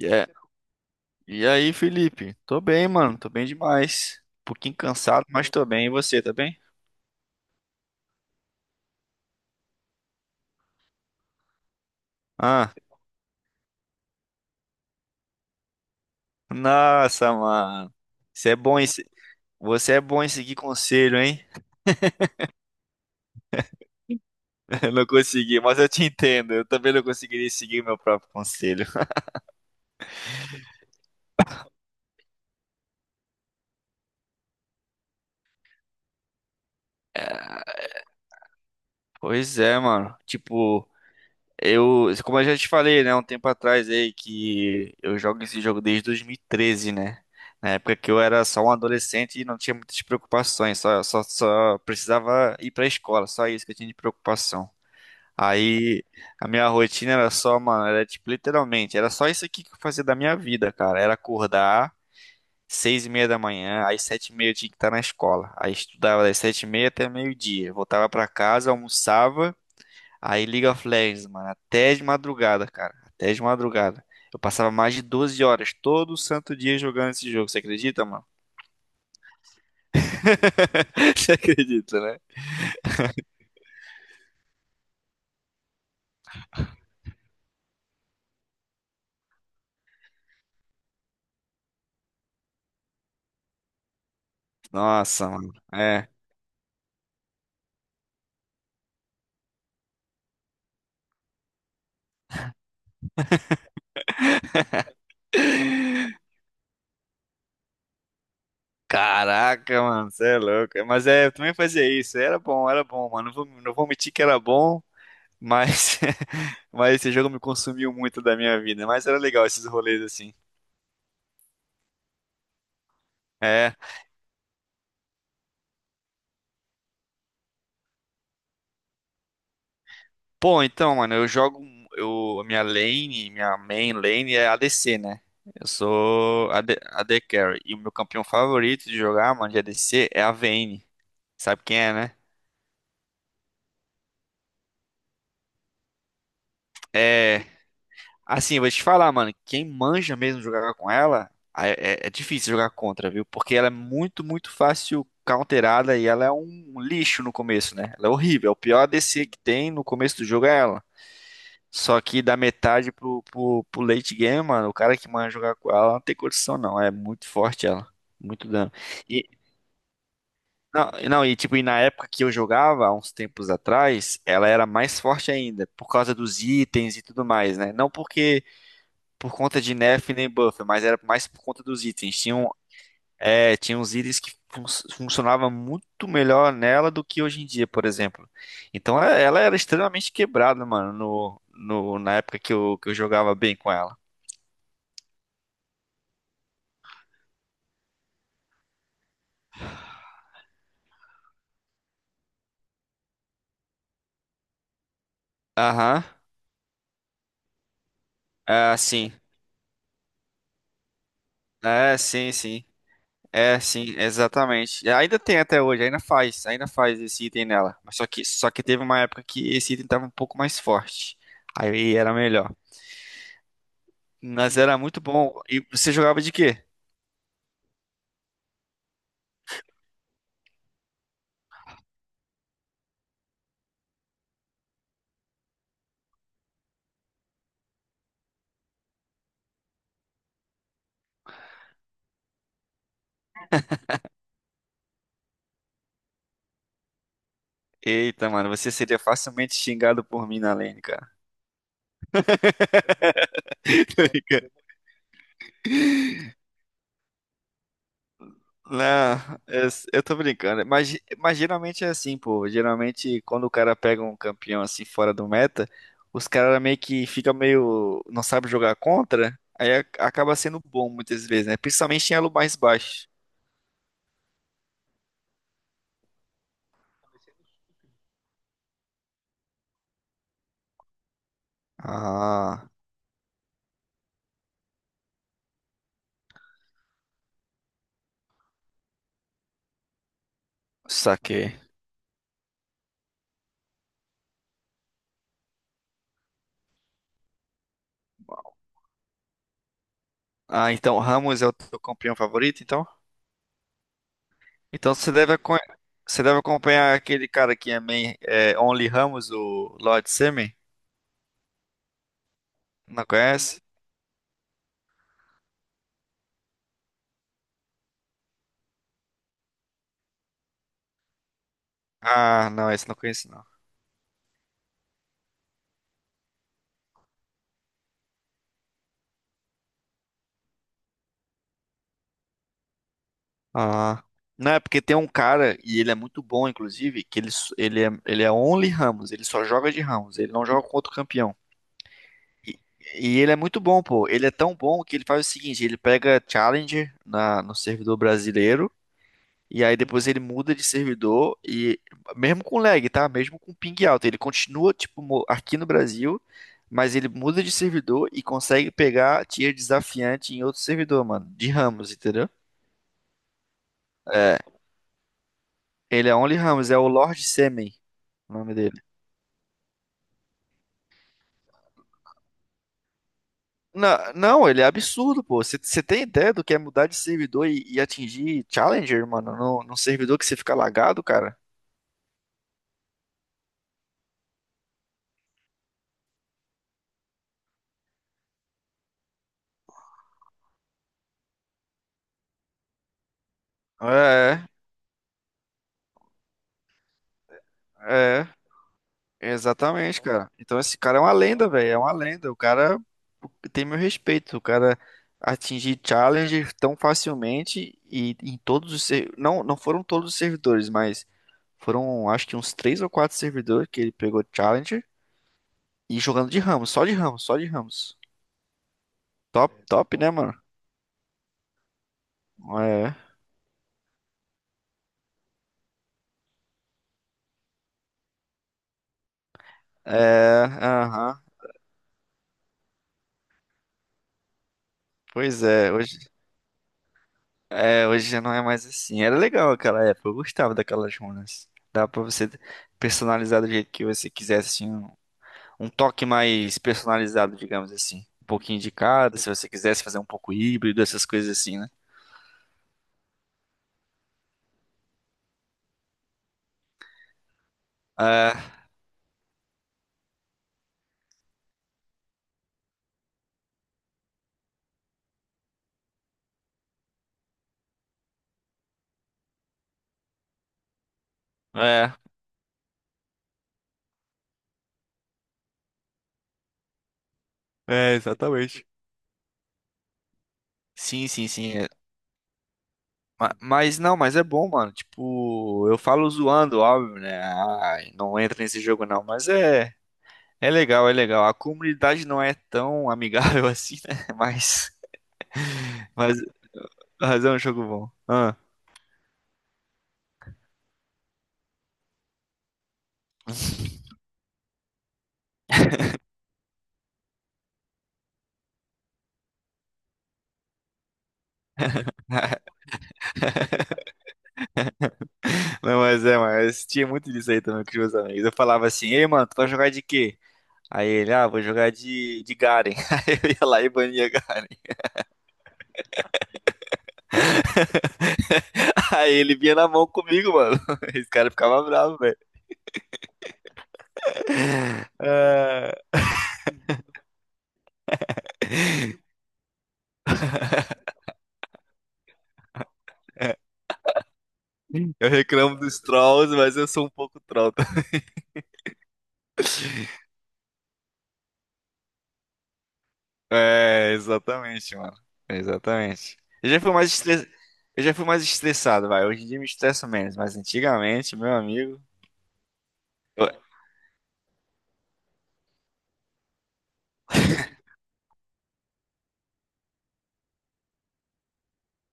E é- e aí, Felipe? Tô bem, mano. Tô bem demais. Um pouquinho cansado, mas tô bem. E você, tá bem? Ah, nossa, mano. Você é bom em... se- Você é bom em seguir conselho, hein? Eu não consegui, mas eu te entendo. Eu também não conseguiria seguir meu próprio conselho. Pois é, mano. Tipo, como eu já te falei, né, um tempo atrás aí que eu jogo esse jogo desde 2013, né? Na época que eu era só um adolescente e não tinha muitas preocupações, só precisava ir pra escola, só isso que eu tinha de preocupação. Aí a minha rotina era só, mano, era tipo, literalmente, era só isso aqui que eu fazia da minha vida, cara. Era acordar 6:30 da manhã, às 7:30 eu tinha que estar na escola. Aí estudava das 7:30 até meio-dia, voltava pra casa, almoçava. Aí League of Legends, mano, até de madrugada, cara. Até de madrugada. Eu passava mais de 12 horas todo santo dia jogando esse jogo. Você acredita, mano? Você acredita, né? Nossa, mano. É. Caraca, mano, você é louco. Mas é, eu também fazia isso. Era bom, mano. Não vou mentir que era bom, mas, mas esse jogo me consumiu muito da minha vida. Mas era legal esses rolês assim. É. Pô, então, mano, eu jogo. Minha main lane é ADC, né? Eu sou AD, AD Carry. E o meu campeão favorito de jogar, mano, de ADC é a Vayne. Sabe quem é, né? É. Assim, eu vou te falar, mano, quem manja mesmo jogar com ela, é, é difícil jogar contra, viu? Porque ela é muito, muito fácil counterada e ela é um lixo no começo, né? Ela é horrível. É o pior ADC que tem no começo do jogo é ela. Só que da metade pro late game, mano, o cara que manda jogar com ela não tem condição, não. É muito forte ela. Muito dano. E, não, e não, e tipo, e na época que eu jogava, há uns tempos atrás, ela era mais forte ainda, por causa dos itens e tudo mais, né? Não porque por conta de nerf nem buffer, mas era mais por conta dos itens. Tinha uns itens que funcionava muito melhor nela do que hoje em dia, por exemplo. Então ela era extremamente quebrada, mano, na época que eu jogava bem com ela. Aham. Ah, sim. É, sim, sim. É, sim, exatamente. Ainda tem até hoje, ainda faz esse item nela. Mas só que teve uma época que esse item tava um pouco mais forte. Aí era melhor. Mas era muito bom. E você jogava de quê? Eita, mano, você seria facilmente xingado por mim na lane, cara. Tô brincando. Não, eu tô brincando. Mas geralmente é assim, pô. Geralmente, quando o cara pega um campeão assim fora do meta, os caras meio que ficam meio. Não sabe jogar contra. Aí acaba sendo bom muitas vezes, né? Principalmente em elo mais baixo. Ah, saquei. Ah, então Ramos é o teu campeão favorito, então? Então você deve, acon- você deve acompanhar aquele cara que é, main, é Only Ramos, o Lord Semen. Não conhece? Ah, não, esse eu não conheço, não. Ah. Não, é porque tem um cara, e ele é muito bom, inclusive, que ele é only Ramos, ele só joga de Ramos, ele não joga com outro campeão. E, e ele é muito bom, pô. Ele é tão bom que ele faz o seguinte, ele pega Challenger no servidor brasileiro, e aí depois ele muda de servidor, e mesmo com lag, tá? Mesmo com ping alto, ele continua, tipo, aqui no Brasil, mas ele muda de servidor e consegue pegar tier desafiante em outro servidor, mano, de Ramos, entendeu? É, ele é Only Ramos, é o Lord Semen, o nome dele. Não, ele é absurdo, pô. Você tem ideia do que é mudar de servidor e atingir Challenger, mano? Num servidor que você fica lagado, cara? É, é, exatamente, cara. Então esse cara é uma lenda, velho. É uma lenda. O cara tem meu respeito. O cara atingir Challenger tão facilmente e em todos os não, não foram todos os servidores, mas foram acho que uns 3 ou 4 servidores que ele pegou Challenger e jogando de Ramos, só de Ramos, só de Ramos. Top, top, né, mano? É, é, aham. Pois é, hoje já não é mais assim. Era legal aquela época, eu gostava daquelas runas. Dava pra você personalizar do jeito que você quisesse, assim, um toque mais personalizado, digamos assim. Um pouquinho de cada, se você quisesse fazer um pouco híbrido, essas coisas assim, né? É, é, é, exatamente. Sim, sim, sim. É. Mas não, mas é bom, mano. Tipo, eu falo zoando, óbvio, né? Ai, não entra nesse jogo não, mas é. É legal, é legal. A comunidade não é tão amigável assim, né? Mas, mas é um jogo bom. Ah, não, mas é, mas tinha muito disso aí também com os meus amigos. Eu falava assim, ei, mano, tu vai jogar de quê? Aí ele, ah, vou jogar de Garen. Aí eu ia lá e bania Garen. Aí ele vinha na mão comigo, mano. Esse cara ficava bravo, velho. Ah, é. Eu reclamo dos trolls, mas eu sou um pouco troll. É, exatamente, mano. Exatamente. Eu já fui mais estress... eu já fui mais estressado, vai. Hoje em dia me estresso menos, mas antigamente, meu amigo, eu-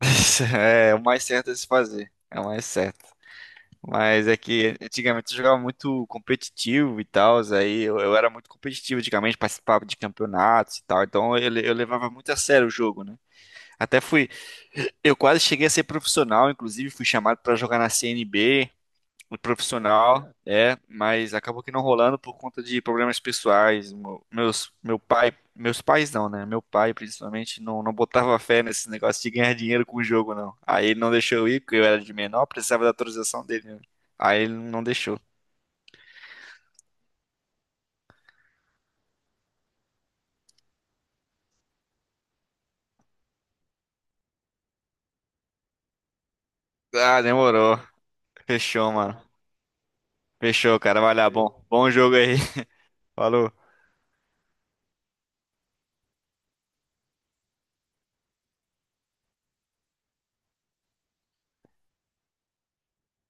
É o mais certo a se fazer. É o mais certo. Mas é que antigamente eu jogava muito competitivo e tal, aí eu era muito competitivo antigamente, participava de campeonatos e tal, então eu levava muito a sério o jogo, né? Até fui, eu quase cheguei a ser profissional, inclusive fui chamado pra jogar na CNB, o profissional, é, mas acabou que não rolando por conta de problemas pessoais. Meus pais não, né? Meu pai, principalmente, não, não botava fé nesse negócio de ganhar dinheiro com o jogo, não. Aí ele não deixou eu ir, porque eu era de menor, precisava da autorização dele, né? Aí ele não deixou. Ah, demorou. Fechou, mano. Fechou, cara. Vai lá, bom. Bom jogo aí. Falou.